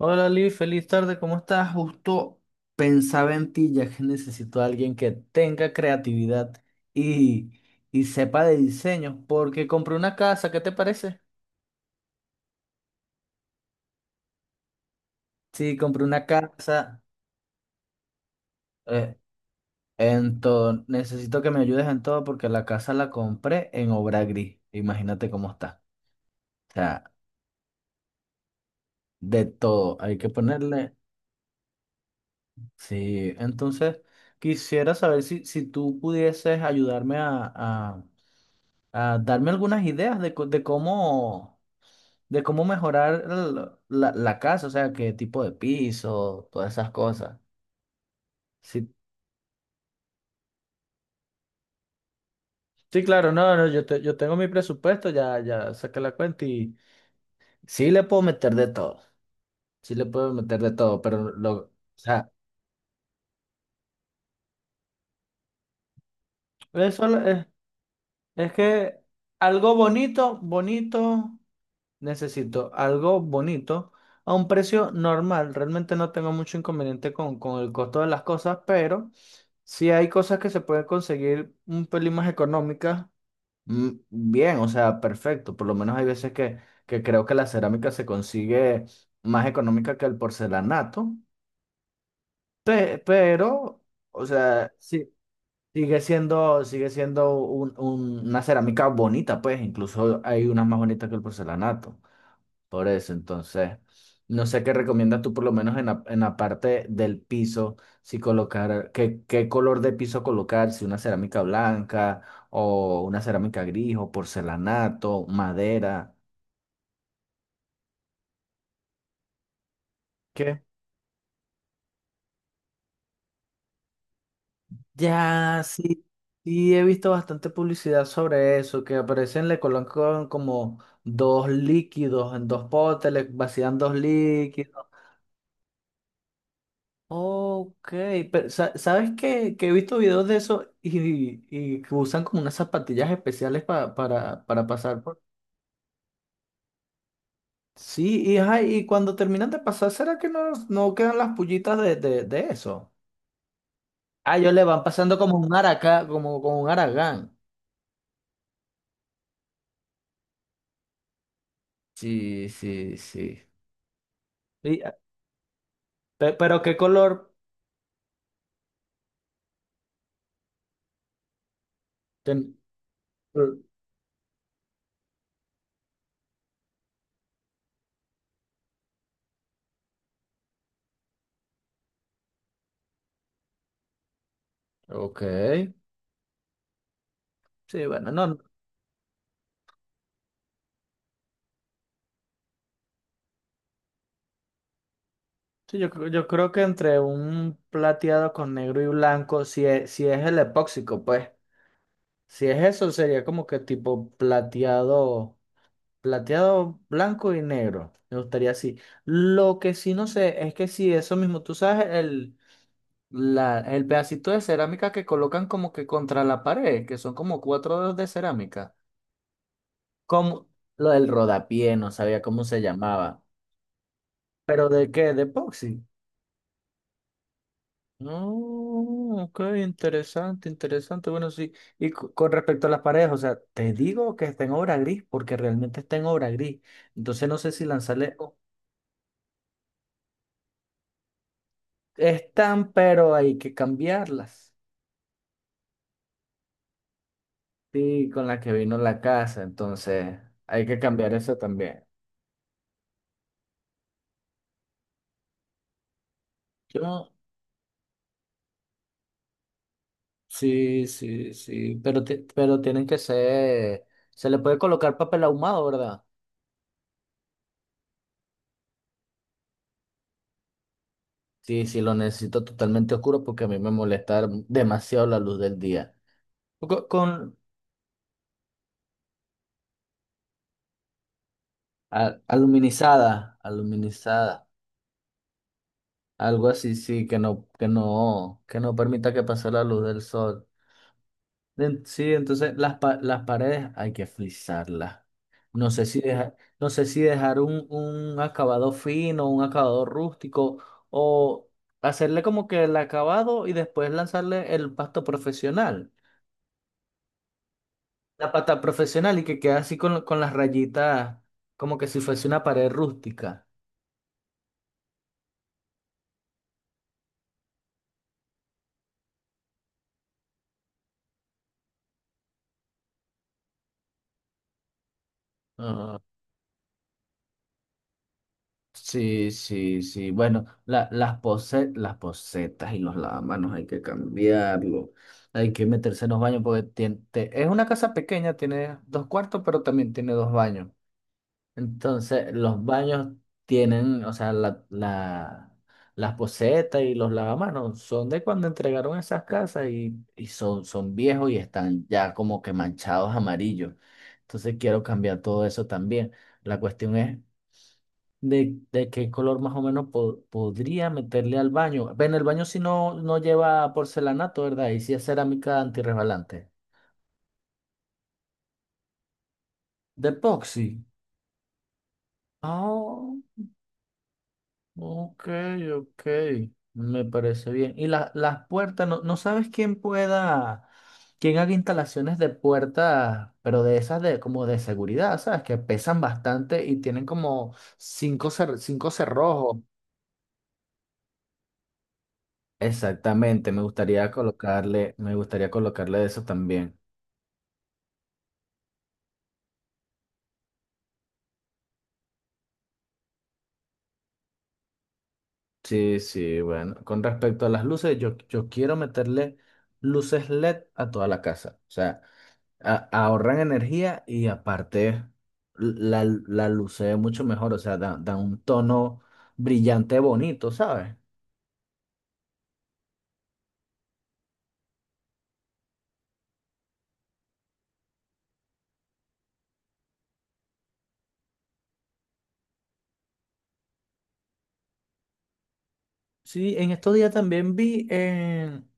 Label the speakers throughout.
Speaker 1: Hola Liv, feliz tarde, ¿cómo estás? Justo pensaba en ti, ya que necesito a alguien que tenga creatividad y, y sepa de diseño, porque compré una casa, ¿qué te parece? Sí, compré una casa eh, en todo. Necesito que me ayudes en todo porque la casa la compré en obra gris. Imagínate cómo está. O sea, de todo, hay que ponerle. Sí, entonces quisiera saber si tú pudieses ayudarme a darme algunas ideas de cómo mejorar la casa, o sea, qué tipo de piso, todas esas cosas. Sí, sí, claro, no, no, yo tengo mi presupuesto, ya saqué la cuenta y sí le puedo meter de todo, sí le puedo meter de todo, pero o sea, eso lo- es, es que algo bonito, bonito. Necesito algo bonito a un precio normal. Realmente no tengo mucho inconveniente con el costo de las cosas, pero si hay cosas que se pueden conseguir un pelín más económicas, bien, o sea, perfecto. Por lo menos hay veces que creo que la cerámica se consigue más económica que el porcelanato, pero, o sea, sí, sigue siendo una cerámica bonita, pues, incluso hay unas más bonitas que el porcelanato. Por eso, entonces, no sé qué recomiendas tú, por lo menos en en la parte del piso, si colocar, qué color de piso colocar, si una cerámica blanca o una cerámica gris o porcelanato, madera. ¿Qué? Ya, sí, sí, he visto bastante publicidad sobre eso, que aparecen, le colocan como dos líquidos en dos potes, le vacían dos líquidos. Ok, pero ¿sabes qué? Que he visto videos de eso y que usan como unas zapatillas especiales para pasar por... Sí, y, ajá, y cuando terminan de pasar, ¿será que no, no quedan las pullitas de eso? Ah, ellos le van pasando como un araca, como un aragán. Sí, sí, sí. Y, ah, pero ¿qué color? ten- Ok. Sí, bueno, no, no, sí, yo creo que entre un plateado con negro y blanco, si es el epóxico, pues. Si es eso, sería como que tipo plateado, plateado blanco y negro. Me gustaría así. Lo que sí no sé es que si eso mismo, tú sabes, el pedacito de cerámica que colocan como que contra la pared, que son como cuatro dedos de cerámica. Como lo del rodapié, no sabía cómo se llamaba. ¿Pero de qué? ¿De epoxi? Oh, ok, interesante, interesante. Bueno, sí, y con respecto a las paredes, o sea, te digo que está en obra gris porque realmente está en obra gris. Entonces no sé si lanzarle están, pero hay que cambiarlas. Sí, con la que vino la casa, entonces hay que cambiar eso también. Yo, sí, sí, sí, pero, pero tienen que ser, se le puede colocar papel ahumado, ¿verdad? Sí, sí, lo necesito totalmente oscuro porque a mí me molesta demasiado la luz del día. Con, con aluminizada, aluminizada, algo así, sí, que no, que no, que no permita que pase la luz del sol. Sí, entonces las paredes hay que frisarlas. No sé si dejar, no sé si dejar un acabado fino, un acabado rústico, o hacerle como que el acabado y después lanzarle el pasto profesional, la pata profesional y que quede así con las rayitas, como que si fuese una pared rústica. Sí, sí, sí. Bueno, las posetas y los lavamanos hay que cambiarlo. Hay que meterse en los baños porque es una casa pequeña, tiene dos cuartos, pero también tiene dos baños. Entonces, los baños tienen, o sea, las posetas y los lavamanos son de cuando entregaron esas casas y son, son viejos y están ya como que manchados amarillos. Entonces, quiero cambiar todo eso también. La cuestión es de qué color más o menos podría meterle al baño. Ven, el baño si no, no lleva porcelanato, ¿verdad? Y si es cerámica antirresbalante. De epoxi. Oh, ok, ok. Me parece bien. Y las puertas, no, no sabes quién pueda, quién haga instalaciones de puertas, pero de esas de como de seguridad, ¿sabes? Que pesan bastante y tienen como cinco cerrojos. Exactamente, me gustaría colocarle eso también. Sí, sí, bueno. Con respecto a las luces, yo quiero meterle luces LED a toda la casa. O sea, ahorran energía y aparte la luce mucho mejor. O sea, da, da un tono brillante bonito, ¿sabes? Sí, en estos días también vi en,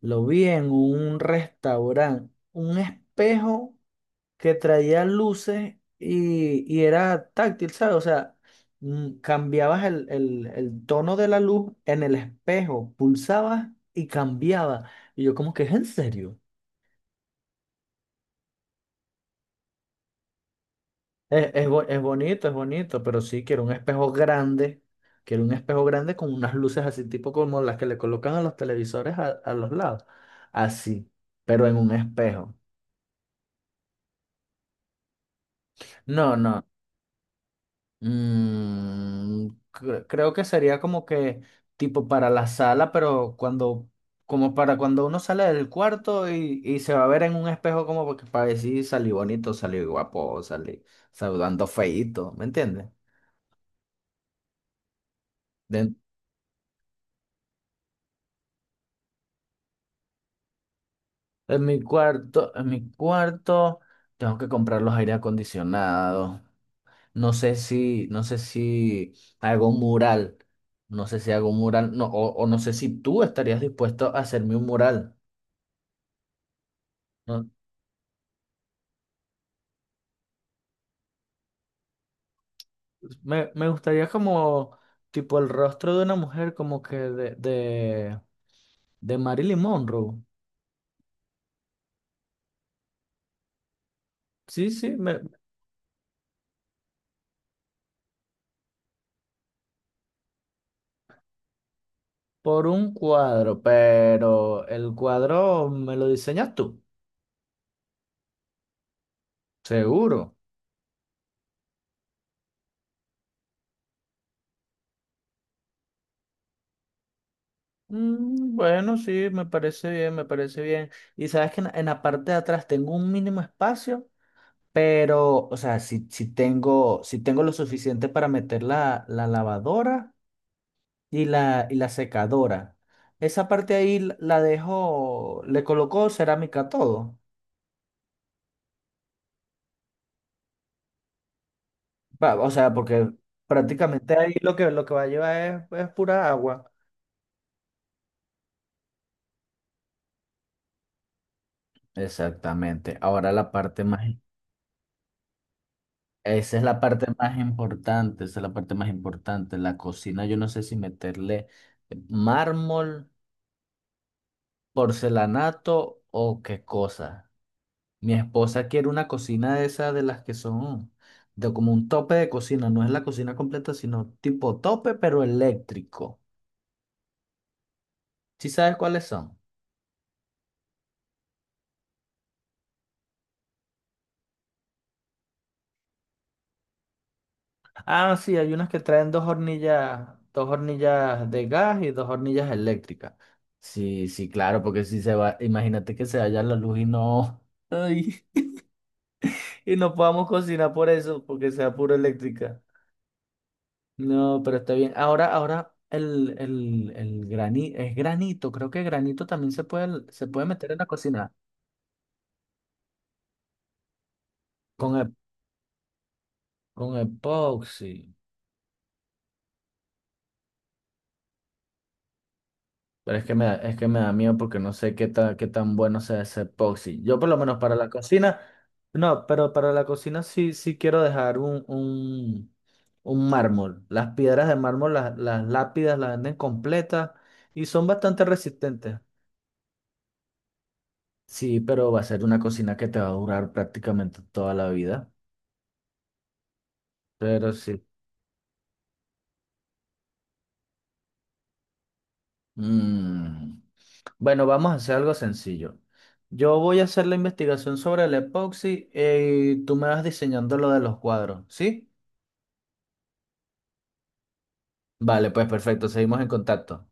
Speaker 1: lo vi en un restaurante, un espejo que traía luces y era táctil, ¿sabes? O sea, mm, cambiabas el tono de la luz en el espejo, pulsabas y cambiaba. Y yo como que es en serio. Es, es bonito, pero sí, quiero un espejo grande. Quiero un espejo grande con unas luces así, tipo como las que le colocan a los televisores a los lados. Así, pero en un espejo. No, no. Mm, creo que sería como que tipo para la sala, pero cuando, como para cuando uno sale del cuarto y se va a ver en un espejo como porque para decir salí bonito, salí guapo, salí saludando feíto, ¿me entiendes? De- en mi cuarto tengo que comprar los aire acondicionados. No sé si, no sé si hago un mural. No sé si hago un mural, no, o no sé si tú estarías dispuesto a hacerme un mural. ¿No? Me gustaría como tipo el rostro de una mujer como que de Marilyn Monroe. Sí, sí, por un cuadro, pero el cuadro me lo diseñas tú, seguro. Mm, bueno, sí, me parece bien, me parece bien. Y sabes que en la parte de atrás tengo un mínimo espacio, pero, o sea, si tengo, si tengo lo suficiente para meter la lavadora. Y la secadora. Esa parte ahí la dejó, le colocó cerámica a todo. Va, o sea, porque prácticamente ahí lo que va a llevar es pura agua. Exactamente. Ahora la parte más, esa es la parte más importante, esa es la parte más importante. La cocina, yo no sé si meterle mármol, porcelanato o qué cosa. Mi esposa quiere una cocina de esas de las que son de como un tope de cocina, no es la cocina completa, sino tipo tope, pero eléctrico. ¿Sí sabes cuáles son? Ah, sí, hay unas que traen dos hornillas de gas y dos hornillas eléctricas. Sí, sí, claro, porque si se va, imagínate que se vaya la luz y no, ay, y no podamos cocinar por eso, porque sea puro eléctrica. No, pero está bien. Ahora, ahora es granito. Creo que granito también se puede meter en la cocina con, ep- con epoxi. Pero es que me da, es que me da miedo porque no sé qué tan bueno sea ese epoxi. Yo por lo menos para la cocina, no, pero para la cocina sí, sí quiero dejar un mármol. Las piedras de mármol, las lápidas las venden completas y son bastante resistentes. Sí, pero va a ser una cocina que te va a durar prácticamente toda la vida. Pero sí. Mm. Bueno, vamos a hacer algo sencillo. Yo voy a hacer la investigación sobre el epoxi y tú me vas diseñando lo de los cuadros, ¿sí? Vale, pues perfecto, seguimos en contacto.